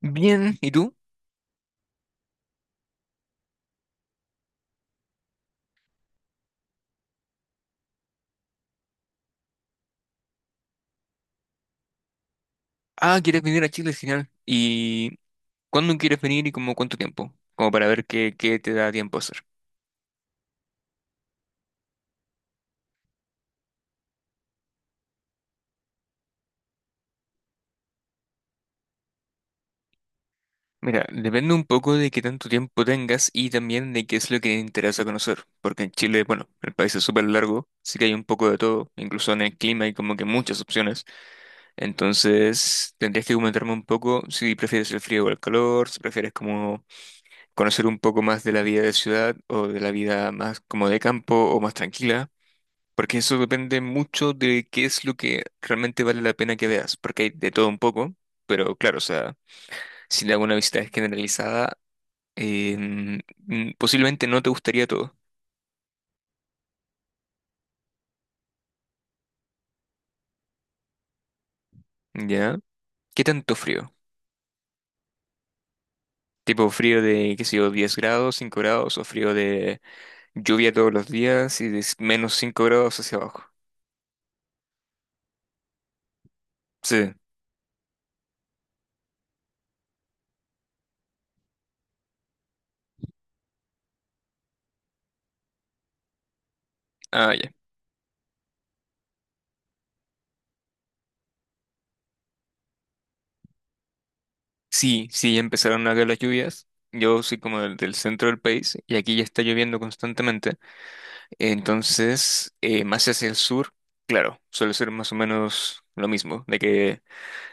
Bien, ¿y tú? Ah, ¿quieres venir a Chile? Genial. ¿Y cuándo quieres venir y como cuánto tiempo? Como para ver qué te da tiempo a hacer. Mira, depende un poco de qué tanto tiempo tengas y también de qué es lo que te interesa conocer. Porque en Chile, bueno, el país es súper largo, sí que hay un poco de todo, incluso en el clima hay como que muchas opciones. Entonces, tendrías que comentarme un poco si prefieres el frío o el calor, si prefieres como conocer un poco más de la vida de ciudad o de la vida más como de campo o más tranquila. Porque eso depende mucho de qué es lo que realmente vale la pena que veas, porque hay de todo un poco, pero claro, o sea, si le hago una visita generalizada, posiblemente no te gustaría todo, ¿ya? ¿Qué tanto frío? Tipo frío de, qué sé yo, 10 grados, 5 grados, o frío de lluvia todos los días y de menos 5 grados hacia abajo. Sí, ah, ya. Sí, sí, ya empezaron a caer las lluvias. Yo soy como del centro del país y aquí ya está lloviendo constantemente. Entonces, más hacia el sur, claro, suele ser más o menos lo mismo, de que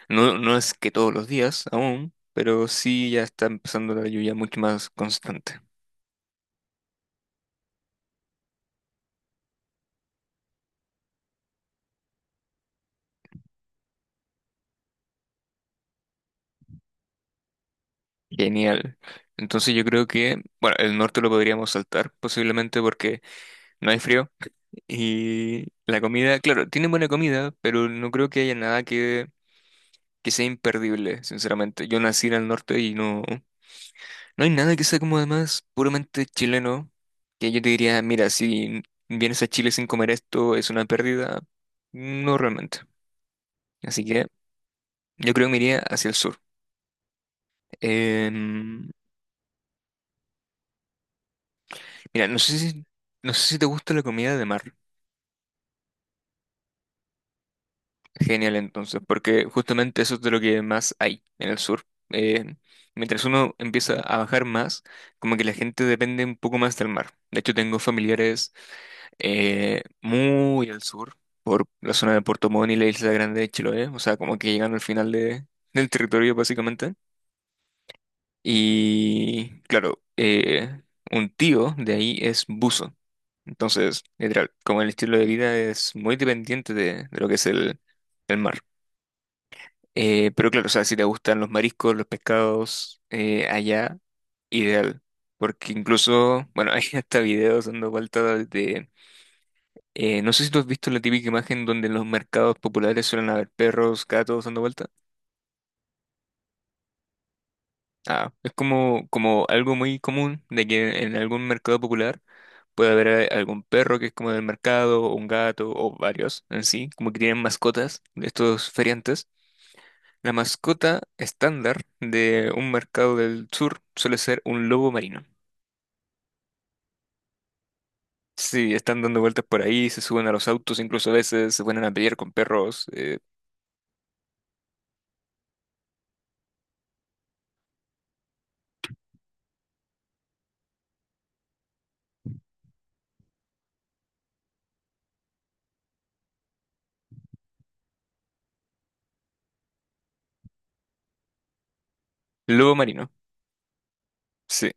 no, no es que todos los días aún, pero sí ya está empezando la lluvia mucho más constante. Genial. Entonces yo creo que, bueno, el norte lo podríamos saltar posiblemente porque no hay frío y la comida, claro, tiene buena comida, pero no creo que haya nada que sea imperdible, sinceramente. Yo nací en el norte y no. No hay nada que sea como además puramente chileno, que yo te diría, mira, si vienes a Chile sin comer esto es una pérdida. No realmente. Así que yo creo que me iría hacia el sur. Em, mira, no sé si, no sé si te gusta la comida de mar. Genial entonces, porque justamente eso es de lo que más hay en el sur. Mientras uno empieza a bajar más, como que la gente depende un poco más del mar. De hecho, tengo familiares muy al sur, por la zona de Puerto Montt y la Isla Grande de Chiloé, o sea, como que llegando al final de, del territorio básicamente. Y claro, un tío de ahí es buzo. Entonces, literal, como el estilo de vida es muy dependiente de lo que es el mar. Pero claro, o sea, si te gustan los mariscos, los pescados, allá, ideal. Porque incluso, bueno, hay hasta videos dando vueltas de no sé si tú has visto la típica imagen donde en los mercados populares suelen haber perros, gatos dando vuelta. Ah, es como, como algo muy común de que en algún mercado popular puede haber algún perro que es como del mercado, o un gato, o varios en sí, como que tienen mascotas de estos feriantes. La mascota estándar de un mercado del sur suele ser un lobo marino. Sí, están dando vueltas por ahí, se suben a los autos, incluso a veces se ponen a pelear con perros. Lobo marino. Sí,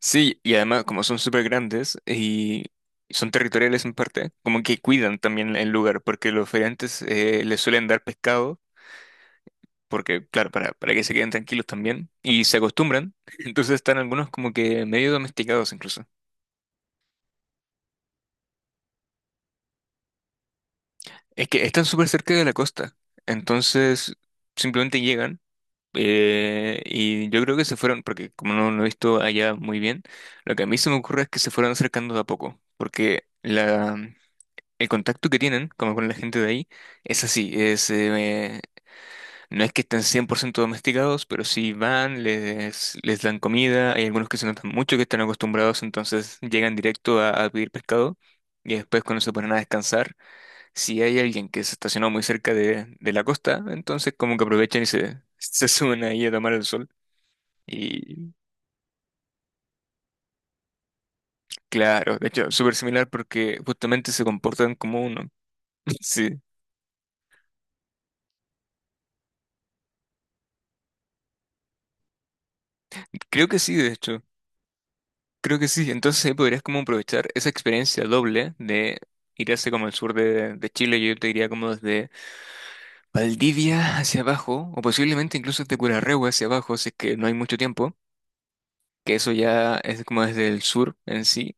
sí, y además como son súper grandes y son territoriales en parte, como que cuidan también el lugar, porque los feriantes les suelen dar pescado, porque claro, para que se queden tranquilos también, y se acostumbran, entonces están algunos como que medio domesticados incluso. Es que están súper cerca de la costa, entonces simplemente llegan. Y yo creo que se fueron, porque como no lo he visto allá muy bien, lo que a mí se me ocurre es que se fueron acercando de a poco, porque el contacto que tienen, como con la gente de ahí, es así, es, no es que estén 100% domesticados, pero sí van, les dan comida, hay algunos que se notan mucho que están acostumbrados, entonces llegan directo a pedir pescado y después cuando se ponen a descansar, si hay alguien que se estacionó muy cerca de la costa, entonces como que aprovechan y se, se suben ahí a tomar el sol. Y claro, de hecho, súper similar porque justamente se comportan como uno. Sí, creo que sí, de hecho. Creo que sí, entonces ahí podrías como aprovechar esa experiencia doble de ir hacia como el sur de Chile, yo te diría como desde Valdivia hacia abajo, o posiblemente incluso desde Curarrehue hacia abajo, si es que no hay mucho tiempo, que eso ya es como desde el sur en sí,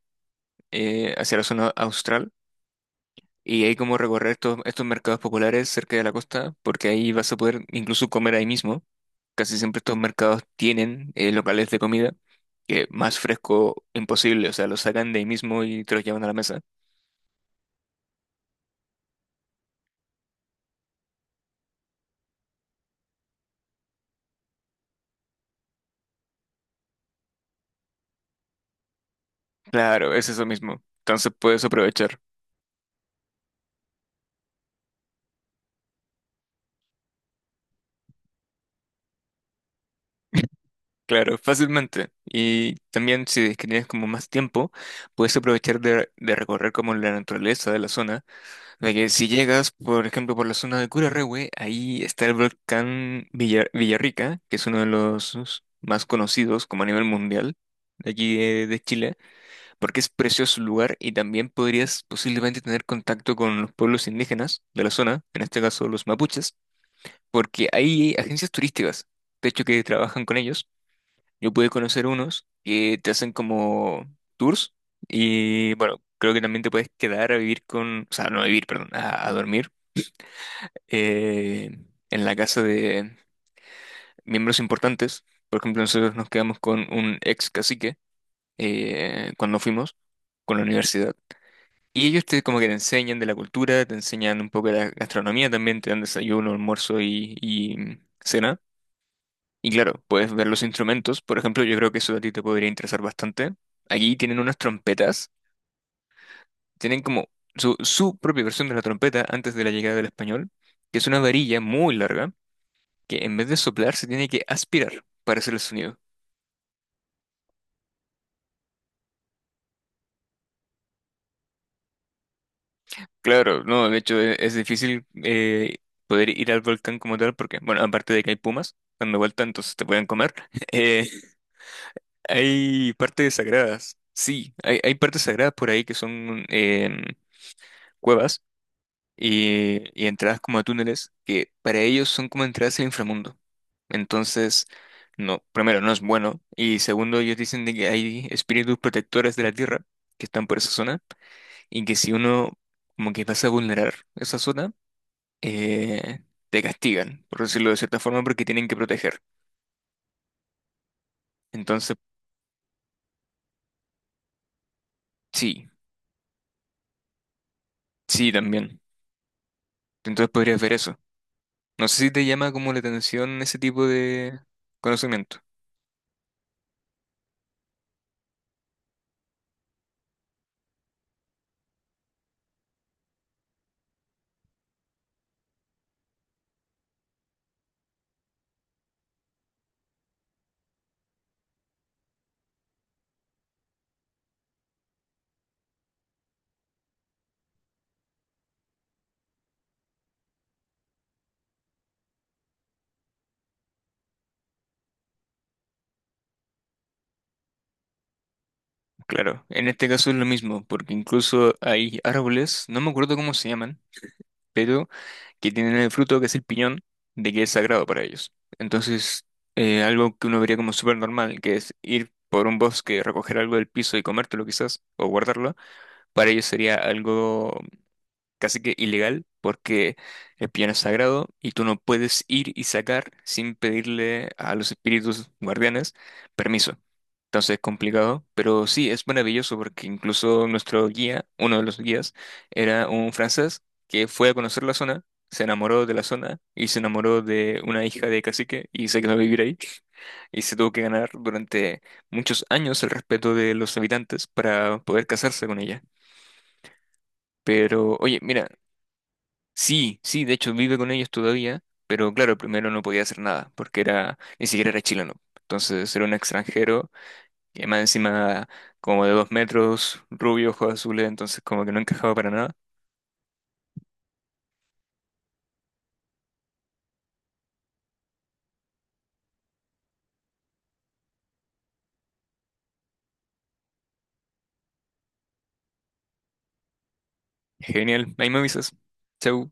hacia la zona austral, y ahí como recorrer estos mercados populares cerca de la costa, porque ahí vas a poder incluso comer ahí mismo, casi siempre estos mercados tienen locales de comida, que más fresco imposible, o sea, lo sacan de ahí mismo y te los llevan a la mesa. Claro, es eso mismo. Entonces puedes aprovechar, claro, fácilmente. Y también si es que tienes como más tiempo, puedes aprovechar de recorrer como la naturaleza de la zona. De que si llegas, por ejemplo, por la zona de Curarrehue, ahí está el volcán Villarrica, que es uno de los más conocidos como a nivel mundial de aquí de Chile, porque es precioso el lugar y también podrías posiblemente tener contacto con los pueblos indígenas de la zona, en este caso los mapuches porque hay agencias turísticas, de hecho, que trabajan con ellos. Yo pude conocer unos que te hacen como tours y bueno, creo que también te puedes quedar a vivir con, o sea, no a vivir, perdón, a dormir eh, en la casa de miembros importantes. Por ejemplo, nosotros nos quedamos con un ex cacique cuando fuimos con la universidad. Y ellos te como que te enseñan de la cultura, te enseñan un poco de la gastronomía también, te dan desayuno, almuerzo y cena. Y claro, puedes ver los instrumentos. Por ejemplo, yo creo que eso a ti te podría interesar bastante. Allí tienen unas trompetas. Tienen como su propia versión de la trompeta antes de la llegada del español, que es una varilla muy larga que en vez de soplar se tiene que aspirar para hacer el sonido. Claro, no, de hecho es, difícil poder ir al volcán como tal porque, bueno, aparte de que hay pumas dando vuelta, entonces te pueden comer. eh, hay partes sagradas. Sí, hay partes sagradas por ahí que son cuevas y entradas como a túneles que para ellos son como entradas al inframundo. Entonces, no, primero, no es bueno. Y segundo, ellos dicen de que hay espíritus protectores de la Tierra que están por esa zona y que si uno como que pasa a vulnerar esa zona, eh, te castigan, por decirlo de cierta forma, porque tienen que proteger. Entonces, sí, sí, también. Entonces podrías ver eso. No sé si te llama como la atención ese tipo de conocimiento. Claro, en este caso es lo mismo, porque incluso hay árboles, no me acuerdo cómo se llaman, pero que tienen el fruto que es el piñón, de que es sagrado para ellos. Entonces, algo que uno vería como súper normal, que es ir por un bosque, recoger algo del piso y comértelo quizás, o guardarlo, para ellos sería algo casi que ilegal porque el piano es sagrado y tú no puedes ir y sacar sin pedirle a los espíritus guardianes permiso. Entonces es complicado, pero sí, es maravilloso porque incluso nuestro guía, uno de los guías, era un francés que fue a conocer la zona, se enamoró de la zona y se enamoró de una hija de cacique y se quedó a vivir ahí y se tuvo que ganar durante muchos años el respeto de los habitantes para poder casarse con ella. Pero, oye, mira, sí, sí, de hecho vive con ellos todavía, pero claro, primero no podía hacer nada, porque era, ni siquiera era chileno. Entonces era un extranjero, y más encima como de 2 metros, rubio, ojos azules, entonces como que no encajaba para nada. Genial, ahí me avisas. Chau.